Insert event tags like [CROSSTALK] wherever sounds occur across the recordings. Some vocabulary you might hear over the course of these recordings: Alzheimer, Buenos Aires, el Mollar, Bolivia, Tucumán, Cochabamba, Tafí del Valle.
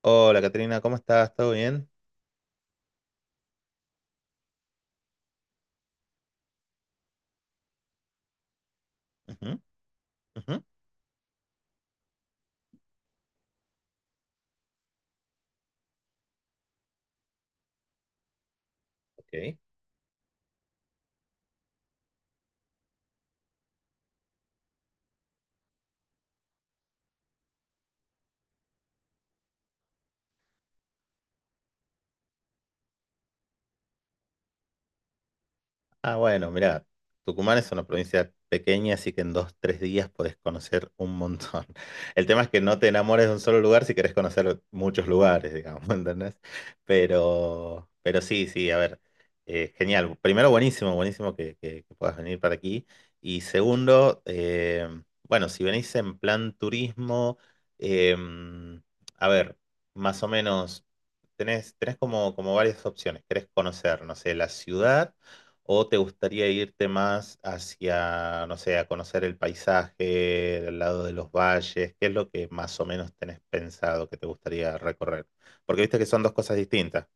Hola, Caterina, ¿cómo estás? ¿Todo bien? Ujú, ujú, ok. Ah, bueno, mirá, Tucumán es una provincia pequeña, así que en 2, 3 días podés conocer un montón. [LAUGHS] El tema es que no te enamores de un solo lugar si querés conocer muchos lugares, digamos, [LAUGHS] ¿entendés? Pero sí, sí, a ver, genial. Primero, buenísimo, buenísimo que puedas venir para aquí. Y segundo, bueno, si venís en plan turismo, em, a ver, más o menos, tenés como varias opciones. ¿Querés conocer, no sé, la ciudad? ¿O te gustaría irte más hacia, no sé, a conocer el paisaje, el lado de los valles? ¿Qué es lo que más o menos tenés pensado que te gustaría recorrer? Porque viste que son dos cosas distintas.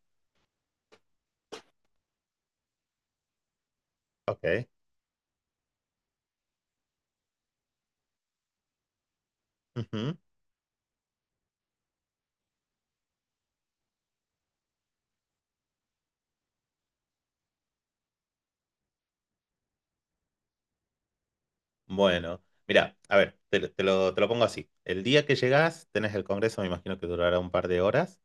Ok. Ujú. Bueno, mira, a ver, te lo pongo así. El día que llegás, tenés el congreso, me imagino que durará un par de horas.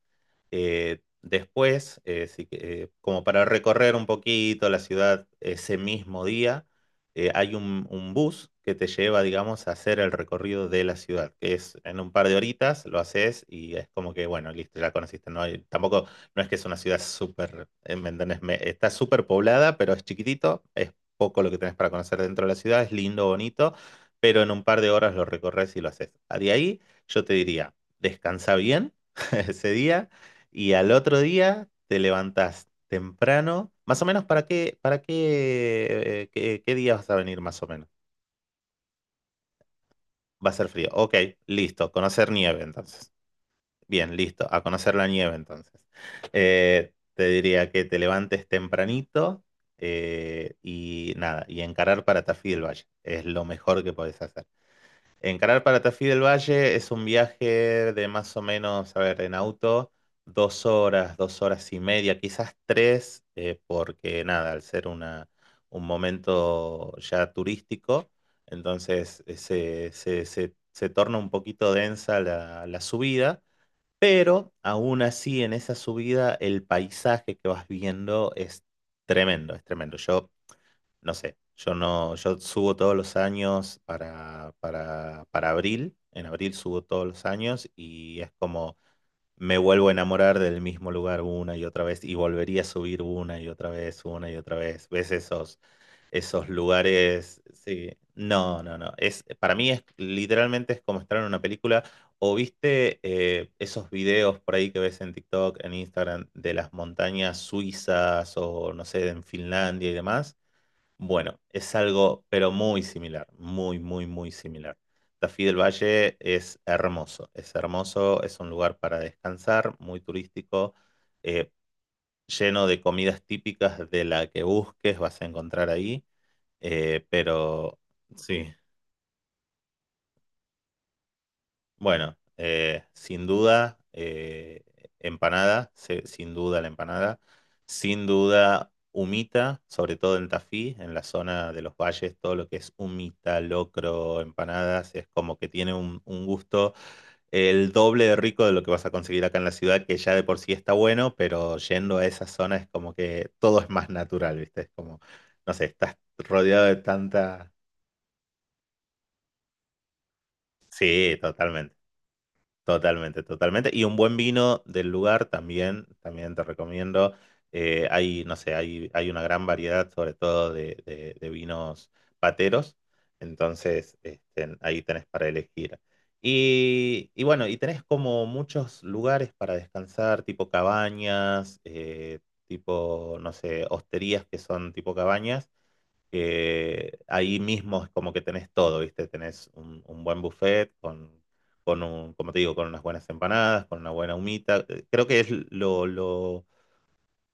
Después, si que- como para recorrer un poquito la ciudad ese mismo día, hay un bus que te lleva, digamos, a hacer el recorrido de la ciudad, que es en un par de horitas, lo haces y es como que, bueno, listo, ya conociste. Tampoco, no es que es una ciudad súper, ¿me entendés? Está súper poblada, pero es chiquitito, es poco lo que tenés para conocer dentro de la ciudad, es lindo, bonito, pero en un par de horas lo recorres y lo haces. De ahí, yo te diría, descansa bien [LAUGHS] ese día. Y al otro día te levantás temprano. Más o menos, ¿Qué día vas a venir más o menos? Va a ser frío. Ok, listo. Conocer nieve entonces. Bien, listo. A conocer la nieve entonces. Te diría que te levantes tempranito, y nada, y encarar para Tafí del Valle. Es lo mejor que podés hacer. Encarar para Tafí del Valle es un viaje de más o menos, a ver, en auto, 2 horas, 2 horas y media, quizás tres, porque nada, al ser un momento ya turístico, entonces se torna un poquito densa la subida, pero aún así en esa subida el paisaje que vas viendo es tremendo, es tremendo. Yo no sé, yo no, yo subo todos los años para, para abril, en abril subo todos los años y es como me vuelvo a enamorar del mismo lugar una y otra vez y volvería a subir una y otra vez, una y otra vez. ¿Ves esos lugares? Sí. No, no, no. Para mí es literalmente es como estar en una película. ¿O viste esos videos por ahí que ves en TikTok, en Instagram, de las montañas suizas o no sé, en Finlandia y demás? Bueno, es algo, pero muy similar, muy, muy, muy similar. Tafí del Valle es hermoso, es hermoso, es un lugar para descansar, muy turístico, eh, lleno de comidas típicas de la que busques, vas a encontrar ahí. Pero sí, bueno, sin duda, sin duda la empanada, sin duda humita, sobre todo en Tafí, en la zona de los valles, todo lo que es humita, locro, empanadas, es como que tiene un, gusto el doble de rico de lo que vas a conseguir acá en la ciudad, que ya de por sí está bueno, pero yendo a esa zona es como que todo es más natural, ¿viste? Es como, no sé, estás rodeado de tanta... Sí, totalmente. Totalmente, totalmente. Y un buen vino del lugar también, también te recomiendo. Hay, no sé, hay una gran variedad, sobre todo de vinos pateros. Entonces, este, ahí tenés para elegir. Y bueno, y tenés como muchos lugares para descansar, tipo cabañas, tipo, no sé, hosterías que son tipo cabañas que ahí mismo es como que tenés todo, ¿viste? Tenés un buen buffet con, como te digo, con unas buenas empanadas, con una buena humita. Creo que es lo-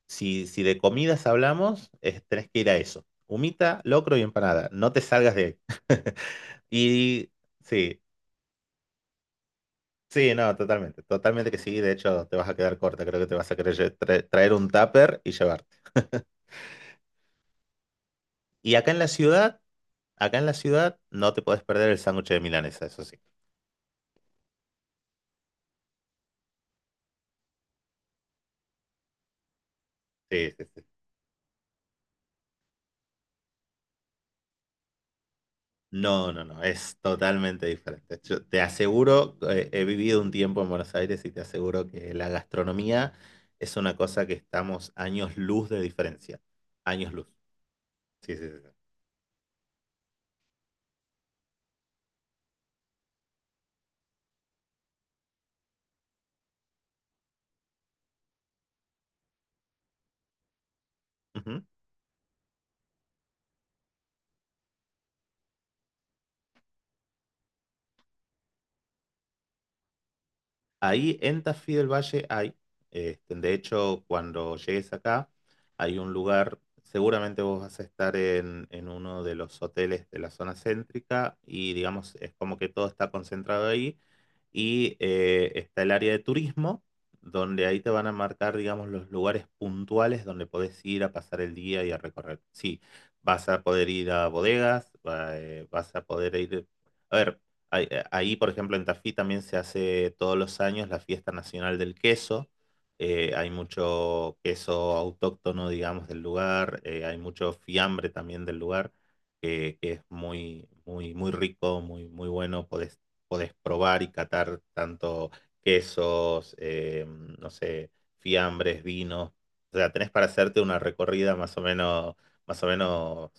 si, si de comidas hablamos, tenés que ir a eso. Humita, locro y empanada. No te salgas de ahí. [LAUGHS] Y sí, sí, no, totalmente, totalmente que sí. De hecho, te vas a quedar corta. Creo que te vas a querer traer un tupper y llevarte. Y acá en la ciudad, acá en la ciudad, no te podés perder el sándwich de milanesa, eso sí. Sí, sí, sí, No, no, no, es totalmente diferente. Yo te aseguro, he vivido un tiempo en Buenos Aires y te aseguro que la gastronomía es una cosa que estamos años luz de diferencia. Años luz. Sí, sí, sí, sí. Ujú. Ahí en Tafí del Valle hay, este, de hecho, cuando llegues acá, hay un lugar, seguramente vos vas a estar en uno de los hoteles de la zona céntrica y digamos, es como que todo está concentrado ahí y está el área de turismo, donde ahí te van a marcar, digamos, los lugares puntuales donde podés ir a pasar el día y a recorrer. Sí, vas a poder ir a bodegas, vas a poder ir... A ver. Ahí, por ejemplo, en Tafí también se hace todos los años la fiesta nacional del queso. Hay mucho queso autóctono, digamos, del lugar. Hay mucho fiambre también del lugar, que es muy, muy, muy rico, muy, muy bueno. Podés probar y catar tanto quesos, no sé, fiambres, vinos. O sea, tenés para hacerte una recorrida más o menos,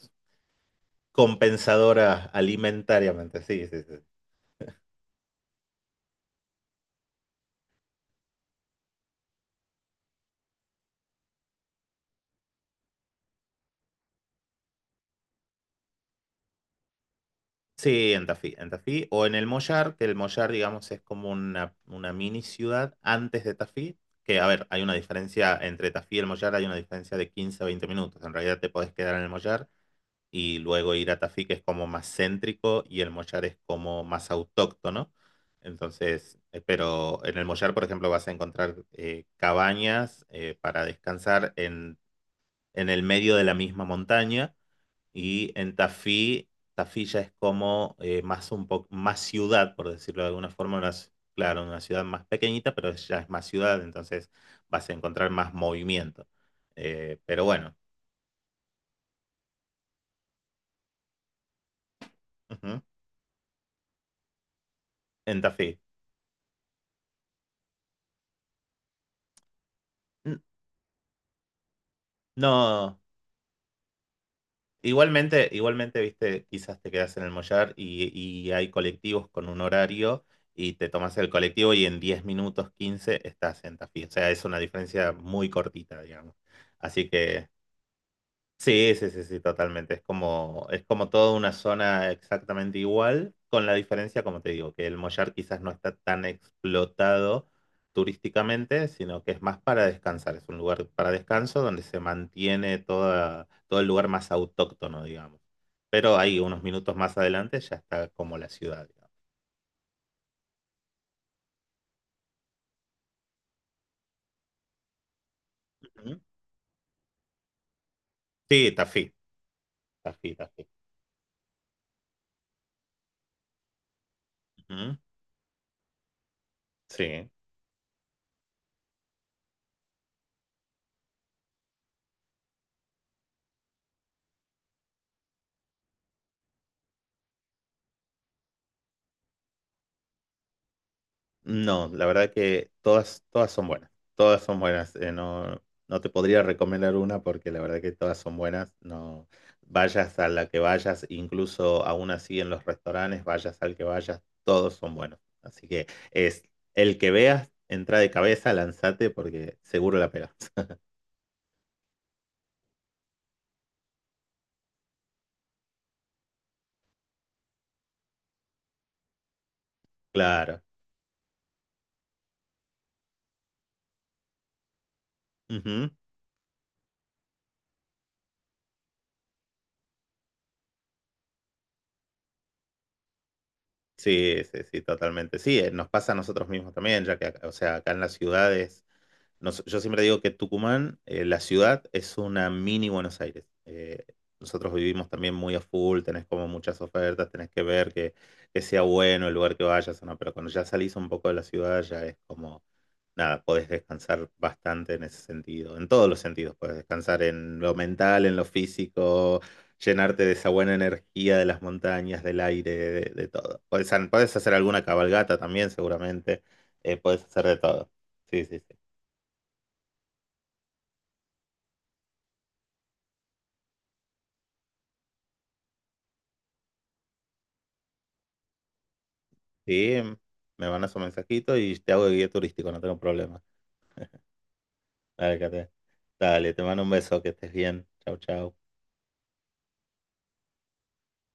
compensadora alimentariamente. Sí, sí, sí. Sí, en Tafí o en el Mollar, que el Mollar, digamos, es como una mini ciudad antes de Tafí, que a ver, hay una diferencia entre Tafí y el Mollar, hay una diferencia de 15 a 20 minutos, en realidad te podés quedar en el Mollar y luego ir a Tafí, que es como más céntrico y el Mollar es como más autóctono, entonces, pero en el Mollar, por ejemplo, vas a encontrar cabañas para descansar en el medio de la misma montaña y en Tafí ya es como más un poco más ciudad, por decirlo de alguna forma, claro, una ciudad más pequeñita, pero ya es más ciudad, entonces vas a encontrar más movimiento. Pero bueno, ujú. En Tafí. N- No, igualmente, igualmente, viste, quizás te quedas en el Mollar y hay colectivos con un horario y te tomas el colectivo y en 10 minutos, 15 estás en Tafí. O sea, es una diferencia muy cortita, digamos. Así que sí, sí, sí, sí, totalmente. Es como toda una zona exactamente igual, con la diferencia, como te digo, que el Mollar quizás no está tan explotado turísticamente, sino que es más para descansar. Es un lugar para descanso donde se mantiene todo el lugar más autóctono, digamos. Pero ahí, unos minutos más adelante, ya está como la ciudad, digamos. Ujú. Sí, Tafí, Tafí, Tafí. Ujú. Sí. No, la verdad que todas, todas son buenas. Todas son buenas. No, no te podría recomendar una porque la verdad que todas son buenas. No, vayas a la que vayas, incluso aún así en los restaurantes, vayas al que vayas, todos son buenos. Así que es el que veas, entra de cabeza, lanzate porque seguro la pegas. [LAUGHS] Claro. Ujú. Sí, sí, sí, totalmente. Sí, nos pasa a nosotros mismos también, ya que, o sea, acá en las ciudades. Yo siempre digo que Tucumán, la ciudad, es una mini Buenos Aires. Nosotros vivimos también muy a full, tenés como muchas ofertas, tenés que ver que sea bueno el lugar que vayas o no, pero cuando ya salís un poco de la ciudad ya es como, nada, podés descansar bastante en ese sentido, en todos los sentidos, podés descansar en lo mental, en lo físico, llenarte de esa buena energía de las montañas, del aire, de todo. Podés hacer alguna cabalgata también seguramente, podés hacer de todo. Sí, sí, sí. Sí, me mandas un mensajito y te hago de guía turístico, no tengo problema. Dale, Kate. Dale, te mando un beso, que estés bien. Chau, chau.